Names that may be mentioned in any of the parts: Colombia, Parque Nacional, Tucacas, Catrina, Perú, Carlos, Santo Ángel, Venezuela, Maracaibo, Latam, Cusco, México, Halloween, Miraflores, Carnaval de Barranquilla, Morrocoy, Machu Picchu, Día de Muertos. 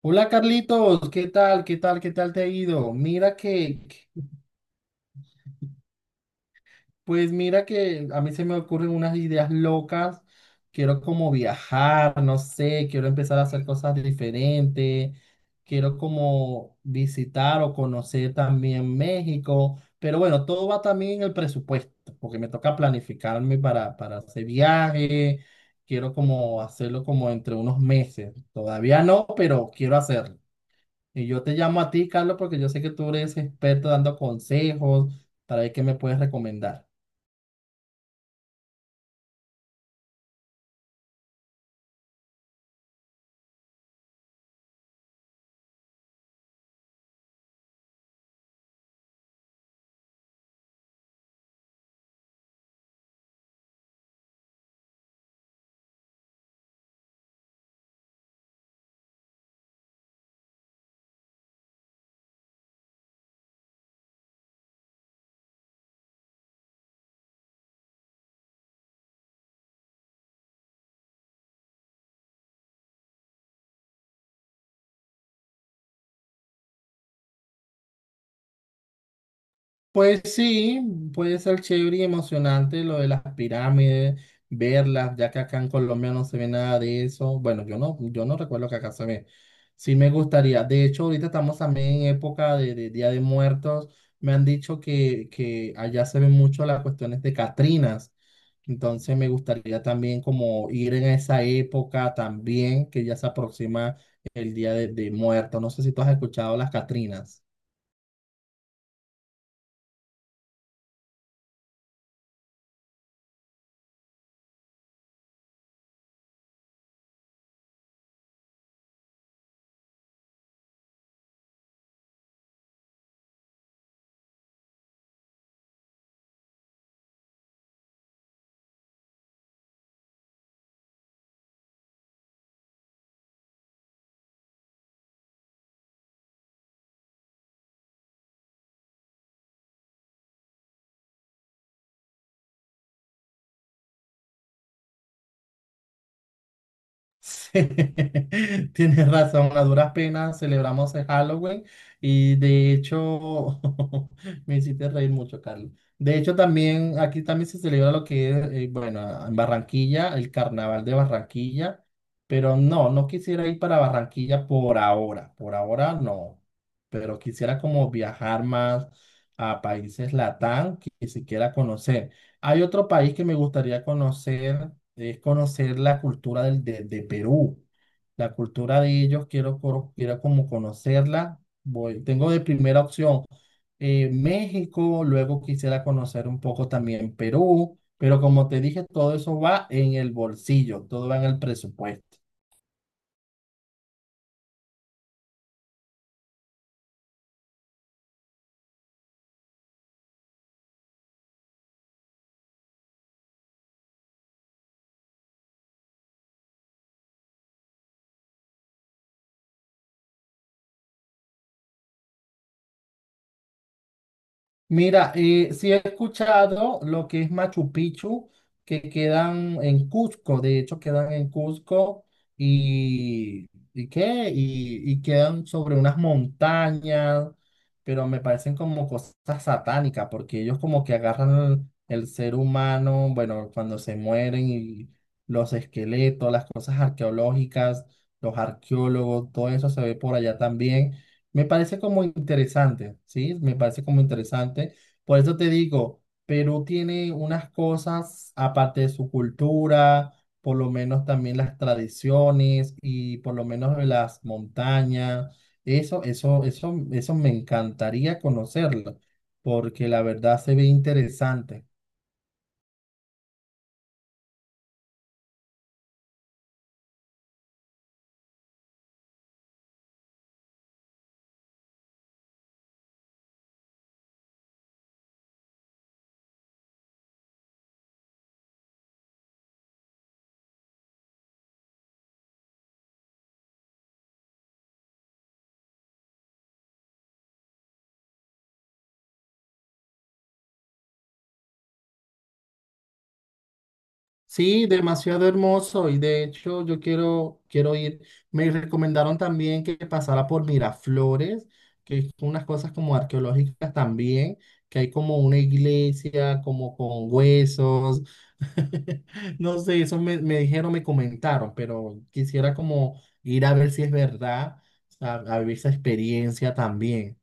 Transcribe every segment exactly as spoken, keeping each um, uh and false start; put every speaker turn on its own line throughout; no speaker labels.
Hola Carlitos, ¿qué tal? ¿Qué tal? ¿Qué tal te ha ido? Mira que, que- pues mira que a mí se me ocurren unas ideas locas. Quiero como viajar, no sé, quiero empezar a hacer cosas diferentes. Quiero como visitar o conocer también México. Pero bueno, todo va también en el presupuesto, porque me toca planificarme para, para hacer viaje. Quiero como hacerlo como entre unos meses. Todavía no, pero quiero hacerlo. Y yo te llamo a ti, Carlos, porque yo sé que tú eres experto dando consejos para ver qué me puedes recomendar. Pues sí, puede ser chévere y emocionante lo de las pirámides, verlas, ya que acá en Colombia no se ve nada de eso. Bueno, yo no, yo no recuerdo que acá se ve. Sí me gustaría. De hecho, ahorita estamos también en época de, de Día de Muertos. Me han dicho que, que allá se ven mucho las cuestiones de Catrinas. Entonces me gustaría también como ir en esa época también, que ya se aproxima el Día de, de Muertos. No sé si tú has escuchado las Catrinas. Sí, tienes razón, a duras penas celebramos el Halloween y de hecho me hiciste reír mucho, Carlos. De hecho, también aquí también se celebra lo que es, eh, bueno, en Barranquilla, el Carnaval de Barranquilla, pero no, no quisiera ir para Barranquilla por ahora, por ahora no, pero quisiera como viajar más a países Latam, que siquiera conocer. Hay otro país que me gustaría conocer, es conocer la cultura del, de, de Perú. La cultura de ellos, quiero, coro- quiero como conocerla. Voy, tengo de primera opción eh, México, luego quisiera conocer un poco también Perú, pero como te dije, todo eso va en el bolsillo, todo va en el presupuesto. Mira, eh, sí he escuchado lo que es Machu Picchu, que quedan en Cusco, de hecho quedan en Cusco y, ¿y qué? Y, y quedan sobre unas montañas, pero me parecen como cosas satánicas, porque ellos como que agarran el, el ser humano, bueno, cuando se mueren y los esqueletos, las cosas arqueológicas, los arqueólogos, todo eso se ve por allá también. Me parece como interesante, ¿sí? Me parece como interesante. Por eso te digo, Perú tiene unas cosas, aparte de su cultura, por lo menos también las tradiciones y por lo menos las montañas. Eso, eso, eso, eso me encantaría conocerlo, porque la verdad se ve interesante. Sí, demasiado hermoso y de hecho yo quiero, quiero ir. Me recomendaron también que pasara por Miraflores, que es unas cosas como arqueológicas también, que hay como una iglesia como con huesos. No sé, eso me, me dijeron, me comentaron, pero quisiera como ir a ver si es verdad, a, a vivir esa experiencia también.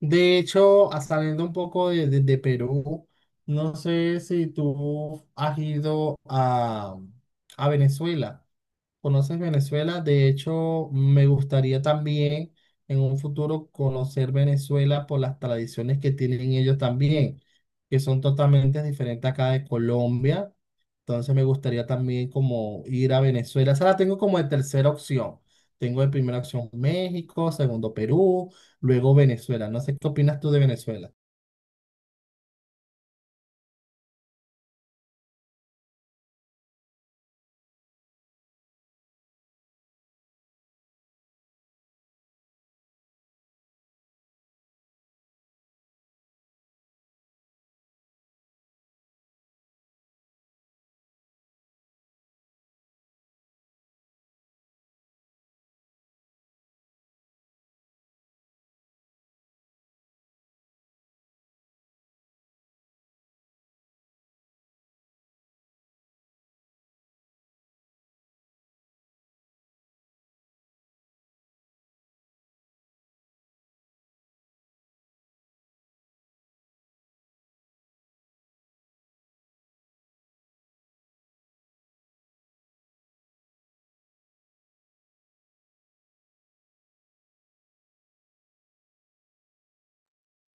De hecho, a- saliendo un poco de, de- de Perú, no sé si tú has ido a, a Venezuela. ¿Conoces Venezuela? De hecho, me gustaría también en un futuro conocer Venezuela por las tradiciones que tienen ellos también, que son totalmente diferentes acá de Colombia. Entonces me gustaría también como ir a Venezuela. Esa la tengo como de tercera opción. Tengo de primera opción México, segundo Perú, luego Venezuela. No sé qué opinas tú de Venezuela.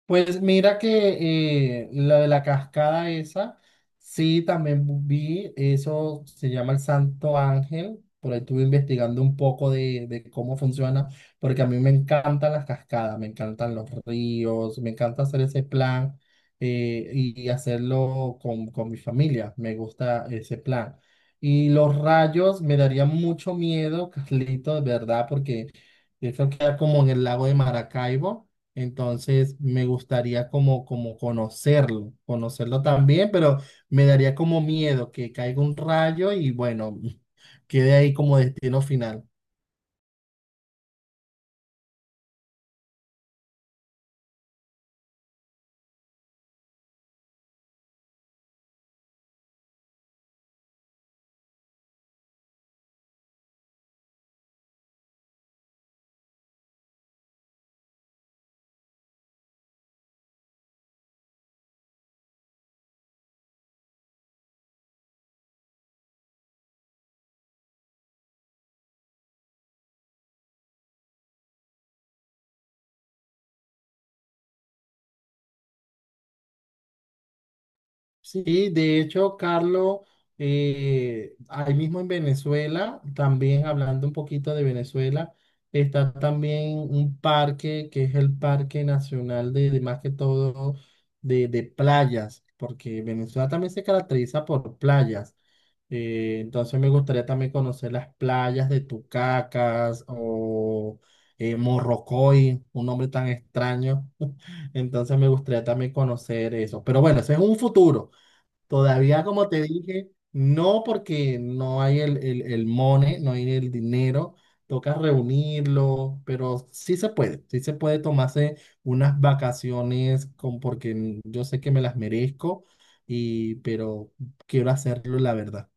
Pues mira que eh, lo de la cascada esa, sí, también vi, eso se llama el Santo Ángel, por ahí estuve investigando un poco de, de cómo funciona, porque a mí me encantan las cascadas, me encantan los ríos, me encanta hacer ese plan eh, y, y hacerlo con, con mi familia, me gusta ese plan. Y los rayos me daría mucho miedo, Carlito, de verdad, porque eso queda como en el lago de Maracaibo. Entonces, me gustaría como, como conocerlo, conocerlo también, pero me daría como miedo que caiga un rayo y bueno, quede ahí como destino final. Sí, de hecho, Carlos, eh, ahí mismo en Venezuela, también hablando un poquito de Venezuela, está también un parque que es el Parque Nacional de, de más que todo de, de playas, porque Venezuela también se caracteriza por playas. Eh, entonces me gustaría también conocer las playas de Tucacas o eh, Morrocoy, un nombre tan extraño. Entonces me gustaría también conocer eso. Pero bueno, eso es un futuro. Todavía, como te dije, no porque no hay el, el, el money, no hay el dinero. Toca reunirlo, pero sí se puede, sí se puede tomarse unas vacaciones con, porque yo sé que me las merezco, y, pero quiero hacerlo, la verdad.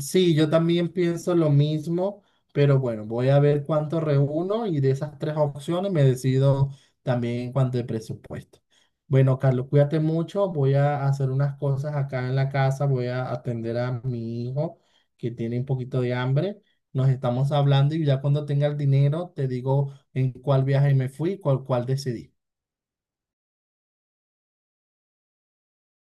Sí, yo también pienso lo mismo, pero bueno, voy a ver cuánto reúno y de esas tres opciones me decido también en cuanto de presupuesto. Bueno, Carlos, cuídate mucho, voy a hacer unas cosas acá en la casa, voy a atender a mi hijo que tiene un poquito de hambre. Nos estamos hablando y ya cuando tenga el dinero te digo en cuál viaje me fui, cuál, cuál decidí.